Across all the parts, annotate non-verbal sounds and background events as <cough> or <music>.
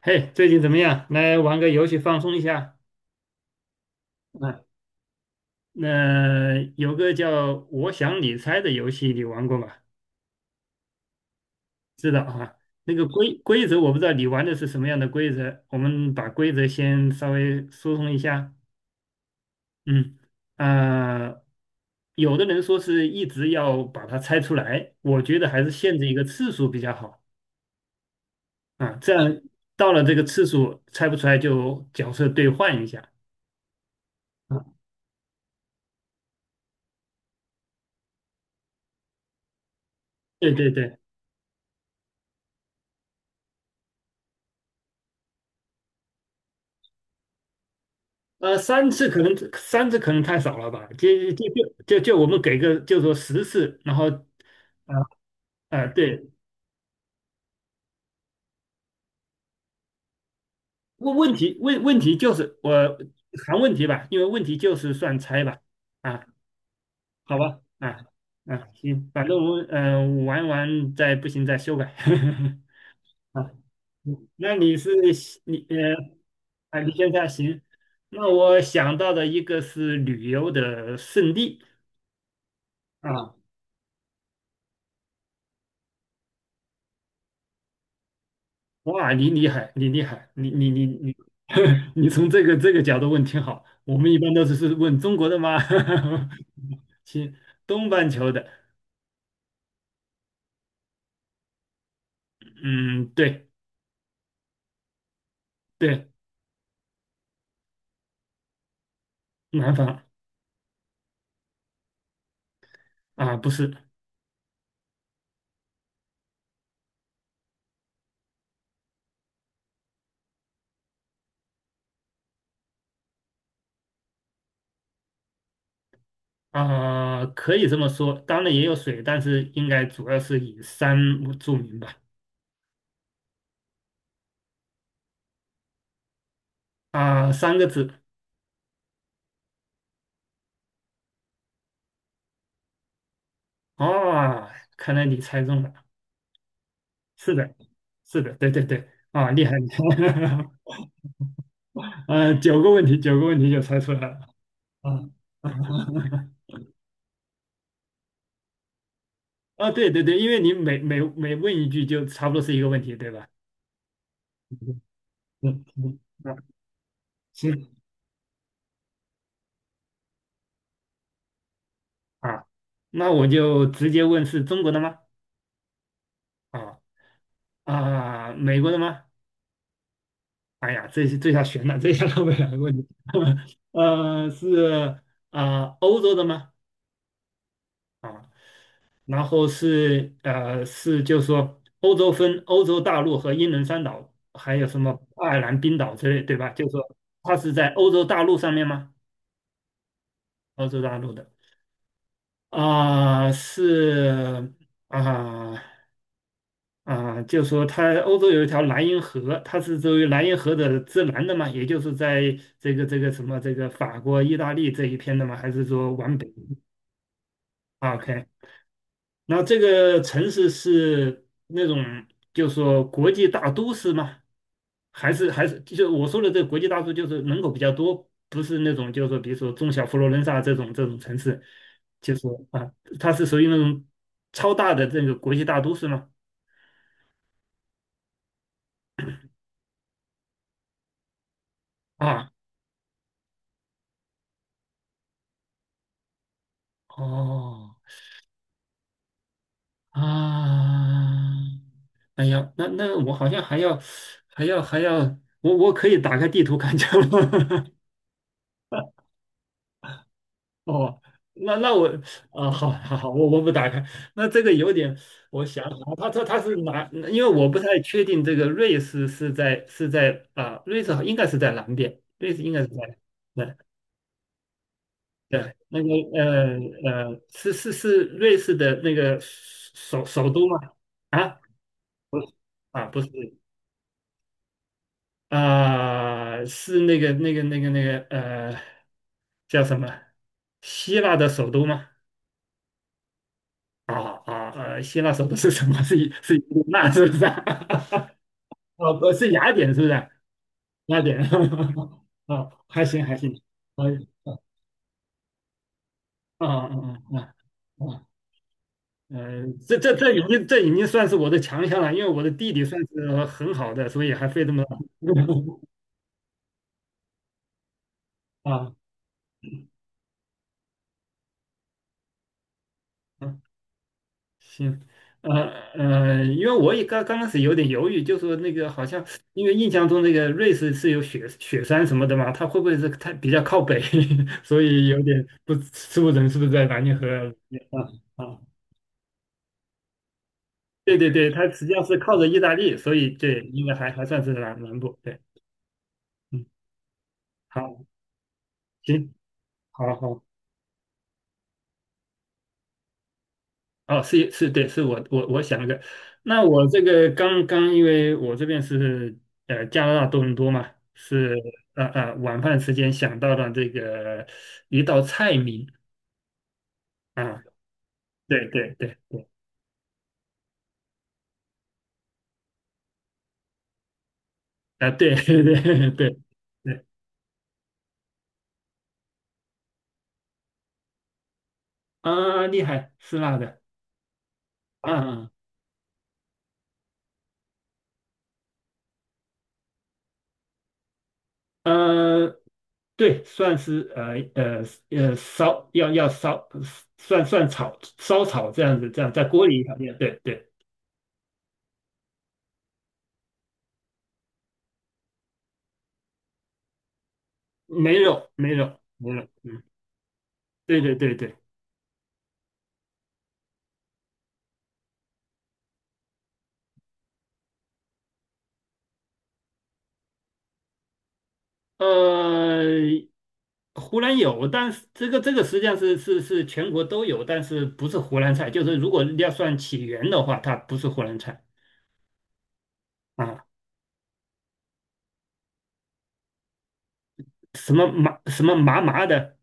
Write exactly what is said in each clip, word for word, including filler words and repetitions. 嘿，最近怎么样？来玩个游戏放松一下。嗯，那、有个叫"我想你猜"的游戏，你玩过吗？知道啊。那个规规则我不知道你玩的是什么样的规则，我们把规则先稍微疏通一下。嗯，啊，有的人说是一直要把它猜出来，我觉得还是限制一个次数比较好啊。这样到了这个次数猜不出来就角色兑换一下。啊，对对对，呃，三次可能三次可能太少了吧？就就就就就我们给个就说十次，然后，啊啊，对，问问题问问题就是我谈问题吧，因为问题就是算猜吧，啊，好吧，啊啊，行，反正我们嗯、呃、玩完再不行再修改，<laughs> 啊，那你是你呃啊，你现在行，那我想到的一个是旅游的胜地啊。哇，你厉害，你厉害，你你你你，<laughs> 你从这个这个角度问挺好。我们一般都是是问中国的吗？<laughs> 行，东半球的，嗯，对对，南方啊，不是啊，可以这么说。当然也有水，但是应该主要是以山著名吧。啊，三个字啊，看来你猜中了。是的，是的，对对对，啊，厉害厉害，<laughs> 啊，九个问题，九个问题就猜出来了。啊。<laughs> 啊，对对对，因为你每每每问一句，就差不多是一个问题，对吧？嗯嗯，啊，行啊，那我就直接问是中国的吗？啊啊，美国的吗？哎呀，这是这下悬了，这下绕不了问题。<laughs> 呃，是啊，欧洲的吗？啊，然后是呃是就是说欧洲分欧洲大陆和英伦三岛，还有什么爱尔兰、冰岛之类，对吧？就是说它是在欧洲大陆上面吗？欧洲大陆的。啊、是啊啊、就说它欧洲有一条莱茵河，它是作为莱茵河的之南的嘛，也就是在这个这个什么这个法国、意大利这一片的嘛，还是说往北。 o k 那这个城市是那种，就是说国际大都市吗？还是还是就是我说的这个国际大都市，就是人口比较多，不是那种就是说，比如说中小佛罗伦萨这种这种城市，就是说啊，它是属于那种超大的这个国际大都市吗？啊，哦啊，哎呀，那那我好像还要还要还要，我我可以打开地图看一下吗？<laughs> <laughs> 哦，那那我啊、好好好，我我不打开。那这个有点，我想想啊，他说他是哪？因为我不太确定这个瑞士是在是在啊、瑞士好应该是在南边，瑞士应该是在对对那个呃呃，是是是瑞士的那个首首都吗？啊，不是啊，不是啊、是那个那个那个那个呃，叫什么？希腊的首都吗？啊啊呃，希腊首的是什么？<laughs> 是是伊利纳是不是？<laughs> 啊，不是雅典是不是？雅典，<laughs> 啊，还行还行，可以啊啊啊啊啊，呃，这这这已经这已经算是我的强项了，因为我的地理算是很好的，所以还费这么 <laughs> 啊。啊行，呃呃，因为我也刚刚开始有点犹豫，就说那个好像，因为印象中那个瑞士是有雪雪山什么的嘛，它会不会是它比较靠北，<laughs> 所以有点不吃不准是不是在南极河里面啊啊？对对对，它实际上是靠着意大利，所以对，应该还还算是南南部。对，嗯，好，行，好好。哦，是是，对，是我我我想的。那我这个刚刚，因为我这边是呃加拿大多伦多嘛，是呃呃晚饭时间想到了这个一道菜名啊，对对对对啊，对 <laughs> 对对对对啊，厉害，是辣的啊呃，对，算是呃呃呃烧要要烧算算炒烧炒这样子，这样在锅里炒，对对，没有没有没有嗯。对对对对，呃，湖南有，但是这个这个实际上是是是全国都有，但是不是湖南菜，就是如果要算起源的话，它不是湖南菜啊，什么麻什么麻麻的，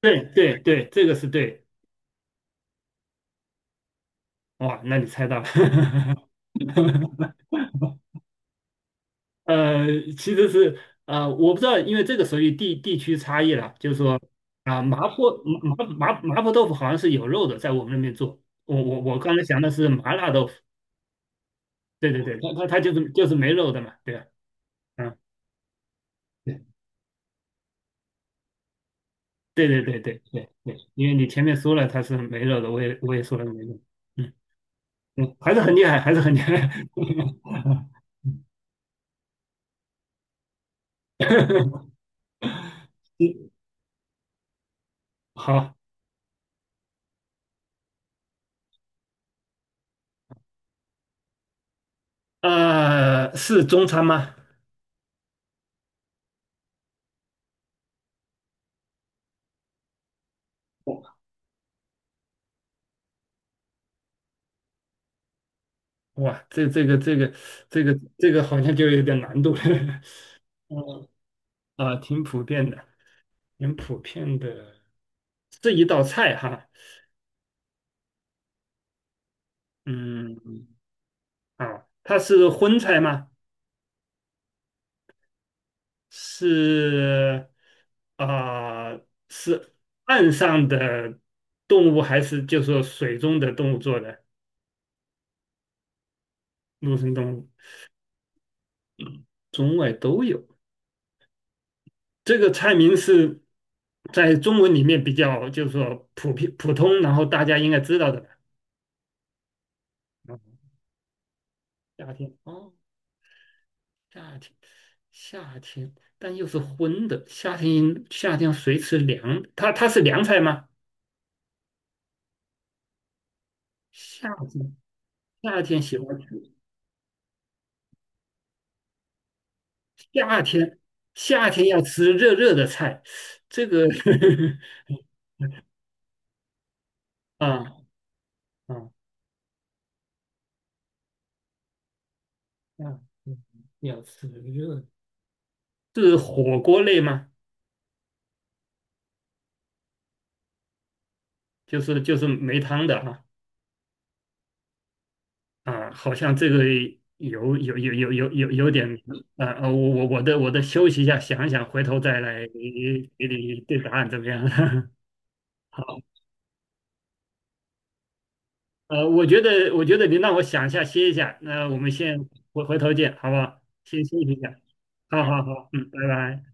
对对对，这个是对，哇，那你猜到了，<laughs> 呃，其实是呃，我不知道，因为这个属于地地区差异了，就是说啊，麻婆麻麻麻麻婆豆腐好像是有肉的，在我们那边做，我我我刚才想的是麻辣豆腐。对对对，它它它就是就是没肉的嘛，对吧？嗯，对对对对对对对，因为你前面说了它是没肉的，我也我也说了没肉，嗯嗯，还是很厉害，还是很厉害。<laughs> 嗯，好，呃，是中餐吗？哇，这这个这个这个这个好像就有点难度了。<laughs> 嗯啊，挺普遍的，挺普遍的，这一道菜哈。嗯啊，它是荤菜吗？是啊、呃是岸上的动物还是就说水中的动物做的？陆生动物，中外都有。这个菜名是在中文里面比较就是说普遍普通，然后大家应该知道的吧。嗯夏天哦，夏天，夏天，但又是荤的。夏天，夏天谁吃凉？它它是凉菜吗？夏天，夏天喜欢吃。夏天夏天要吃热热的菜，这个 <laughs> 啊啊啊，嗯要吃热是火锅类吗？就是就是没汤的啊啊，好像这个有有有有有有有点啊啊，我我我的我的休息一下，想一想，回头再来给你对答案怎么样？<laughs> 好，呃，我觉得我觉得你让我想一下，歇一下，那我们先回回头见，好不好？先休息一下，好好好，嗯，拜拜。